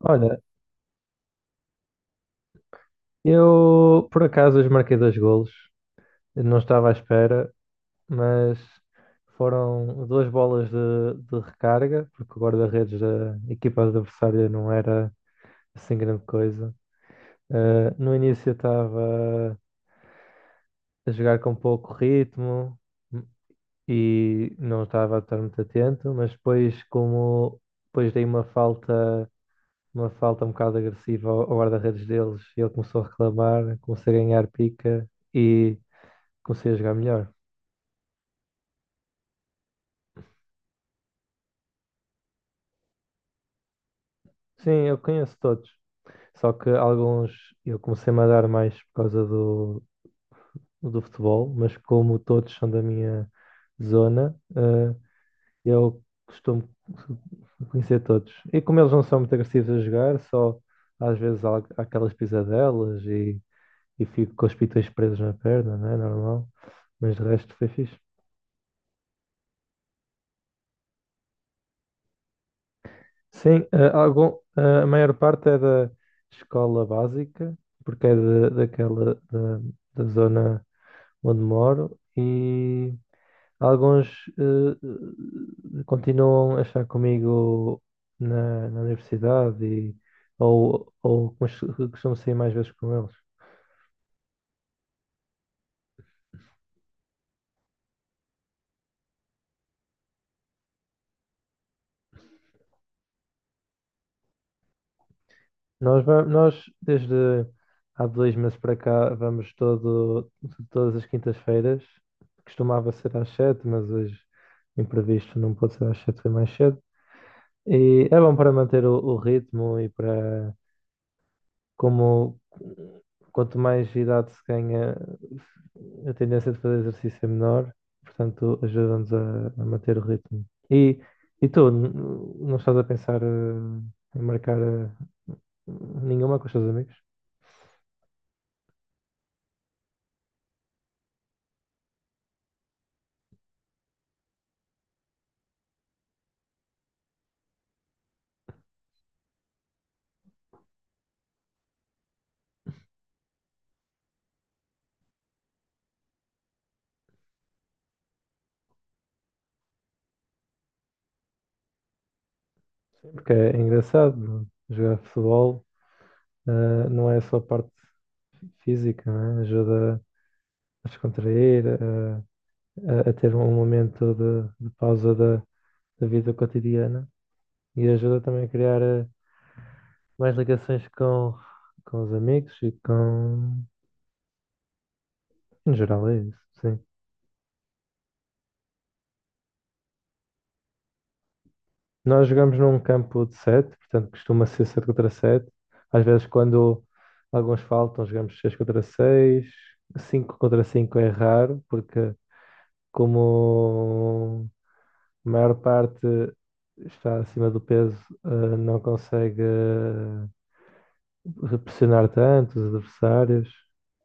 Olha, eu por acaso hoje marquei dois golos. Eu não estava à espera, mas foram duas bolas de recarga, porque o guarda-redes da equipa adversária não era assim grande coisa. No início eu estava a jogar com pouco ritmo e não estava a estar muito atento, mas depois como depois dei uma falta um bocado agressiva ao guarda-redes deles, e ele começou a reclamar, comecei a ganhar pica e comecei a jogar melhor. Sim, eu conheço todos. Só que alguns eu comecei-me a dar mais por causa do futebol, mas como todos são da minha zona, eu costumo conhecer todos. E como eles não são muito agressivos a jogar, só às vezes há aquelas pisadelas e fico com os pitões presos na perna, não é normal? Mas de resto foi fixe. Sim, a maior parte é da escola básica, porque é daquela da zona onde moro, e alguns eh, continuam a estar comigo na universidade ou costumo sair mais vezes com eles. Nós desde há 2 meses para cá, vamos todas as quintas-feiras. Costumava ser às 7, mas hoje, imprevisto, não pôde ser às 7, foi mais cedo. E é bom para manter o ritmo e como quanto mais idade se ganha, a tendência de fazer exercício é menor, portanto, ajuda-nos a manter o ritmo. E, e tu, não estás a pensar em marcar nenhuma com os teus amigos? Porque é engraçado, é, jogar futebol. Não é só a parte física, não é? Ajuda a descontrair, a ter um momento de pausa da vida cotidiana e ajuda também a criar mais ligações com os amigos e com. Em geral, é isso, sim. Nós jogamos num campo de sete, portanto costuma ser sete contra sete. Às vezes, quando alguns faltam, jogamos seis contra seis. Cinco contra cinco é raro, porque como a maior parte está acima do peso, não consegue pressionar tanto os adversários.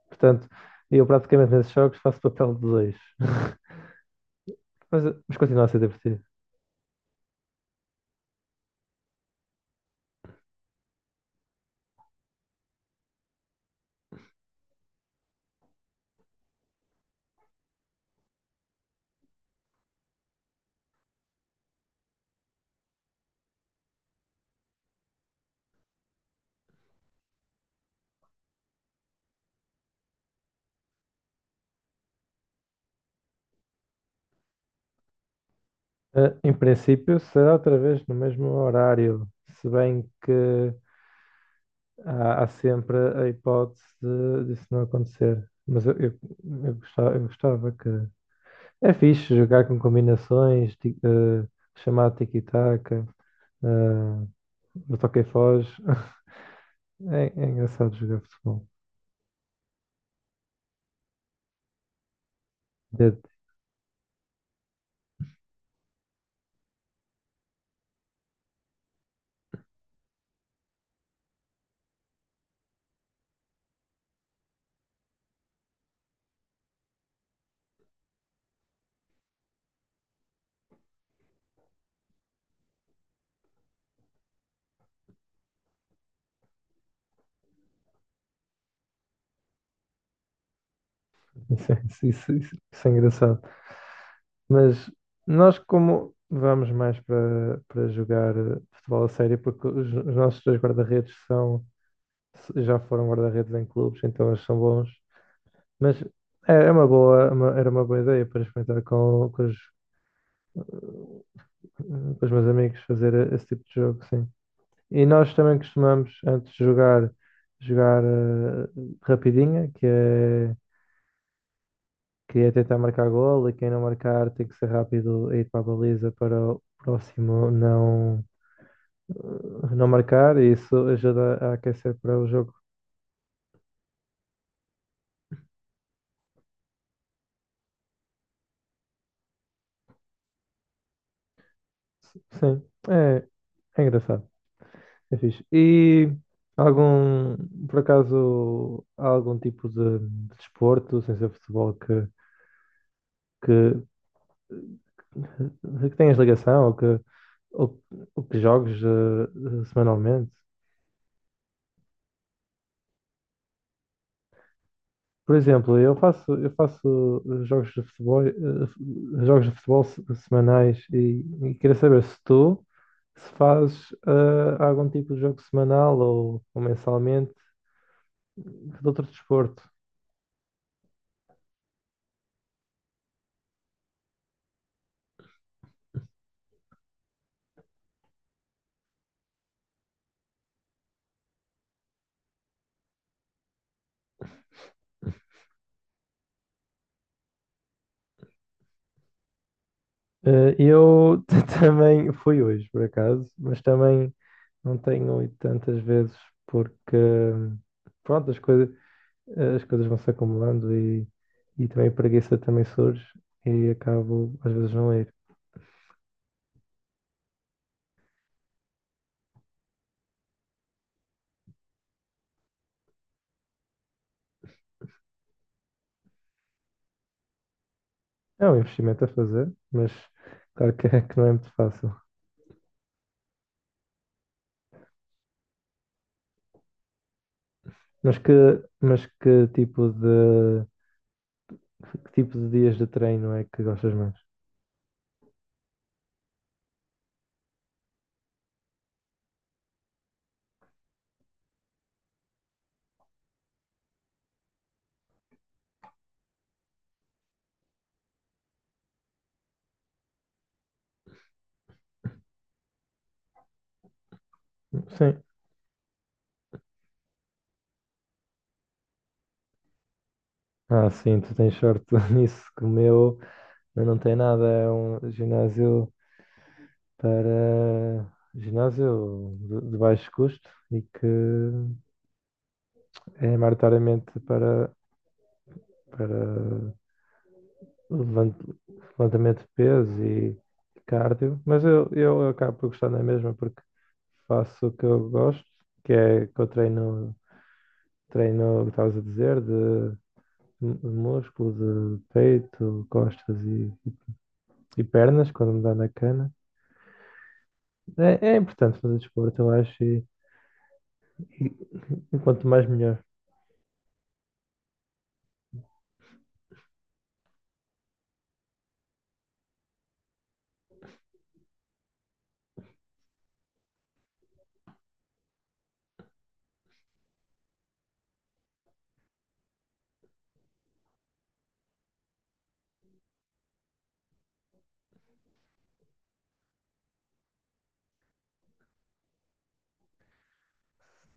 Portanto, eu praticamente nesses jogos faço papel de dois. Mas continua a ser divertido. Em princípio, será outra vez no mesmo horário, se bem que há sempre a hipótese disso não acontecer. Mas eu gostava, eu gostava. Que. É fixe jogar com combinações, chamado tiki-taka. Ah, eu toquei foz. É engraçado jogar futebol. Dead. Isso é engraçado. Mas nós, como vamos mais para jogar futebol a sério, porque os nossos dois guarda-redes são, já foram guarda-redes em clubes, então eles são bons. Mas é, é uma boa, é uma- era uma boa ideia para experimentar com os meus amigos fazer esse tipo de jogo, sim. E nós também costumamos, antes de jogar, jogar rapidinha, Queria tentar marcar gol e quem não marcar tem que ser rápido a ir para a baliza para o próximo não marcar, e isso ajuda a aquecer para o jogo. Sim, é, é engraçado, é fixe. E algum, por acaso, há algum tipo de desporto, sem ser futebol, que, que tenhas ligação ou, ou que jogues semanalmente? Por exemplo, eu faço jogos de futebol, jogos de futebol semanais e queria saber se tu se fazes algum tipo de jogo semanal ou mensalmente de outro desporto. Eu também fui hoje, por acaso, mas também não tenho ido tantas vezes porque, pronto, as coisas vão se acumulando e também a preguiça também surge e acabo às vezes não ir. É um investimento a fazer, mas claro que, que não é muito fácil. Mas que, mas que tipo de, que tipo de dias de treino é que gostas mais? Sim. Ah, sim, tu tens sorte nisso, que o meu não tem nada, é um ginásio para ginásio de baixo custo e que é maioritariamente para levant- levantamento de peso e cardio, mas eu acabo por gostar na mesma porque faço o que eu gosto, que é que eu treino, o que estavas a dizer, de músculo, de peito, costas e pernas, quando me dá na cana. É importante fazer desporto, eu acho, e quanto mais melhor.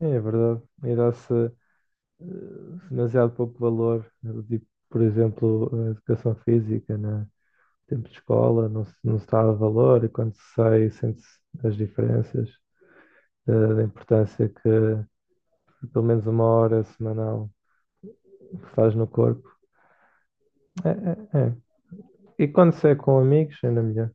É verdade. E dá-se eh, demasiado pouco valor, né, do tipo, por exemplo, a educação física, né? Tempo de escola, não se dá valor e quando se sai sente-se as diferenças, da importância que pelo menos 1 hora semanal faz no corpo. É, é, é. E quando se é com amigos, ainda melhor.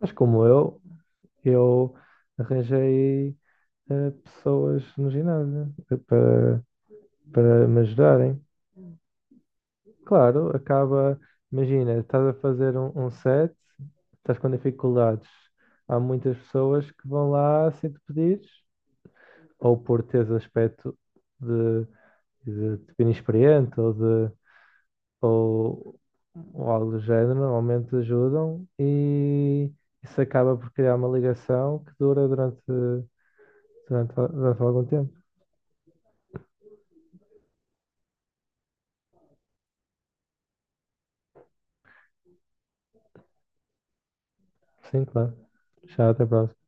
Mas como eu arranjei pessoas no ginásio para me ajudarem. Claro, acaba. Imagina, estás a fazer um set, estás com dificuldades. Há muitas pessoas que vão lá sem te pedires, ou por teres aspecto de, de inexperiente ou, ou algo do género, normalmente ajudam e isso acaba por criar uma ligação que dura durante algum tempo. Sim, claro. Já até a próxima.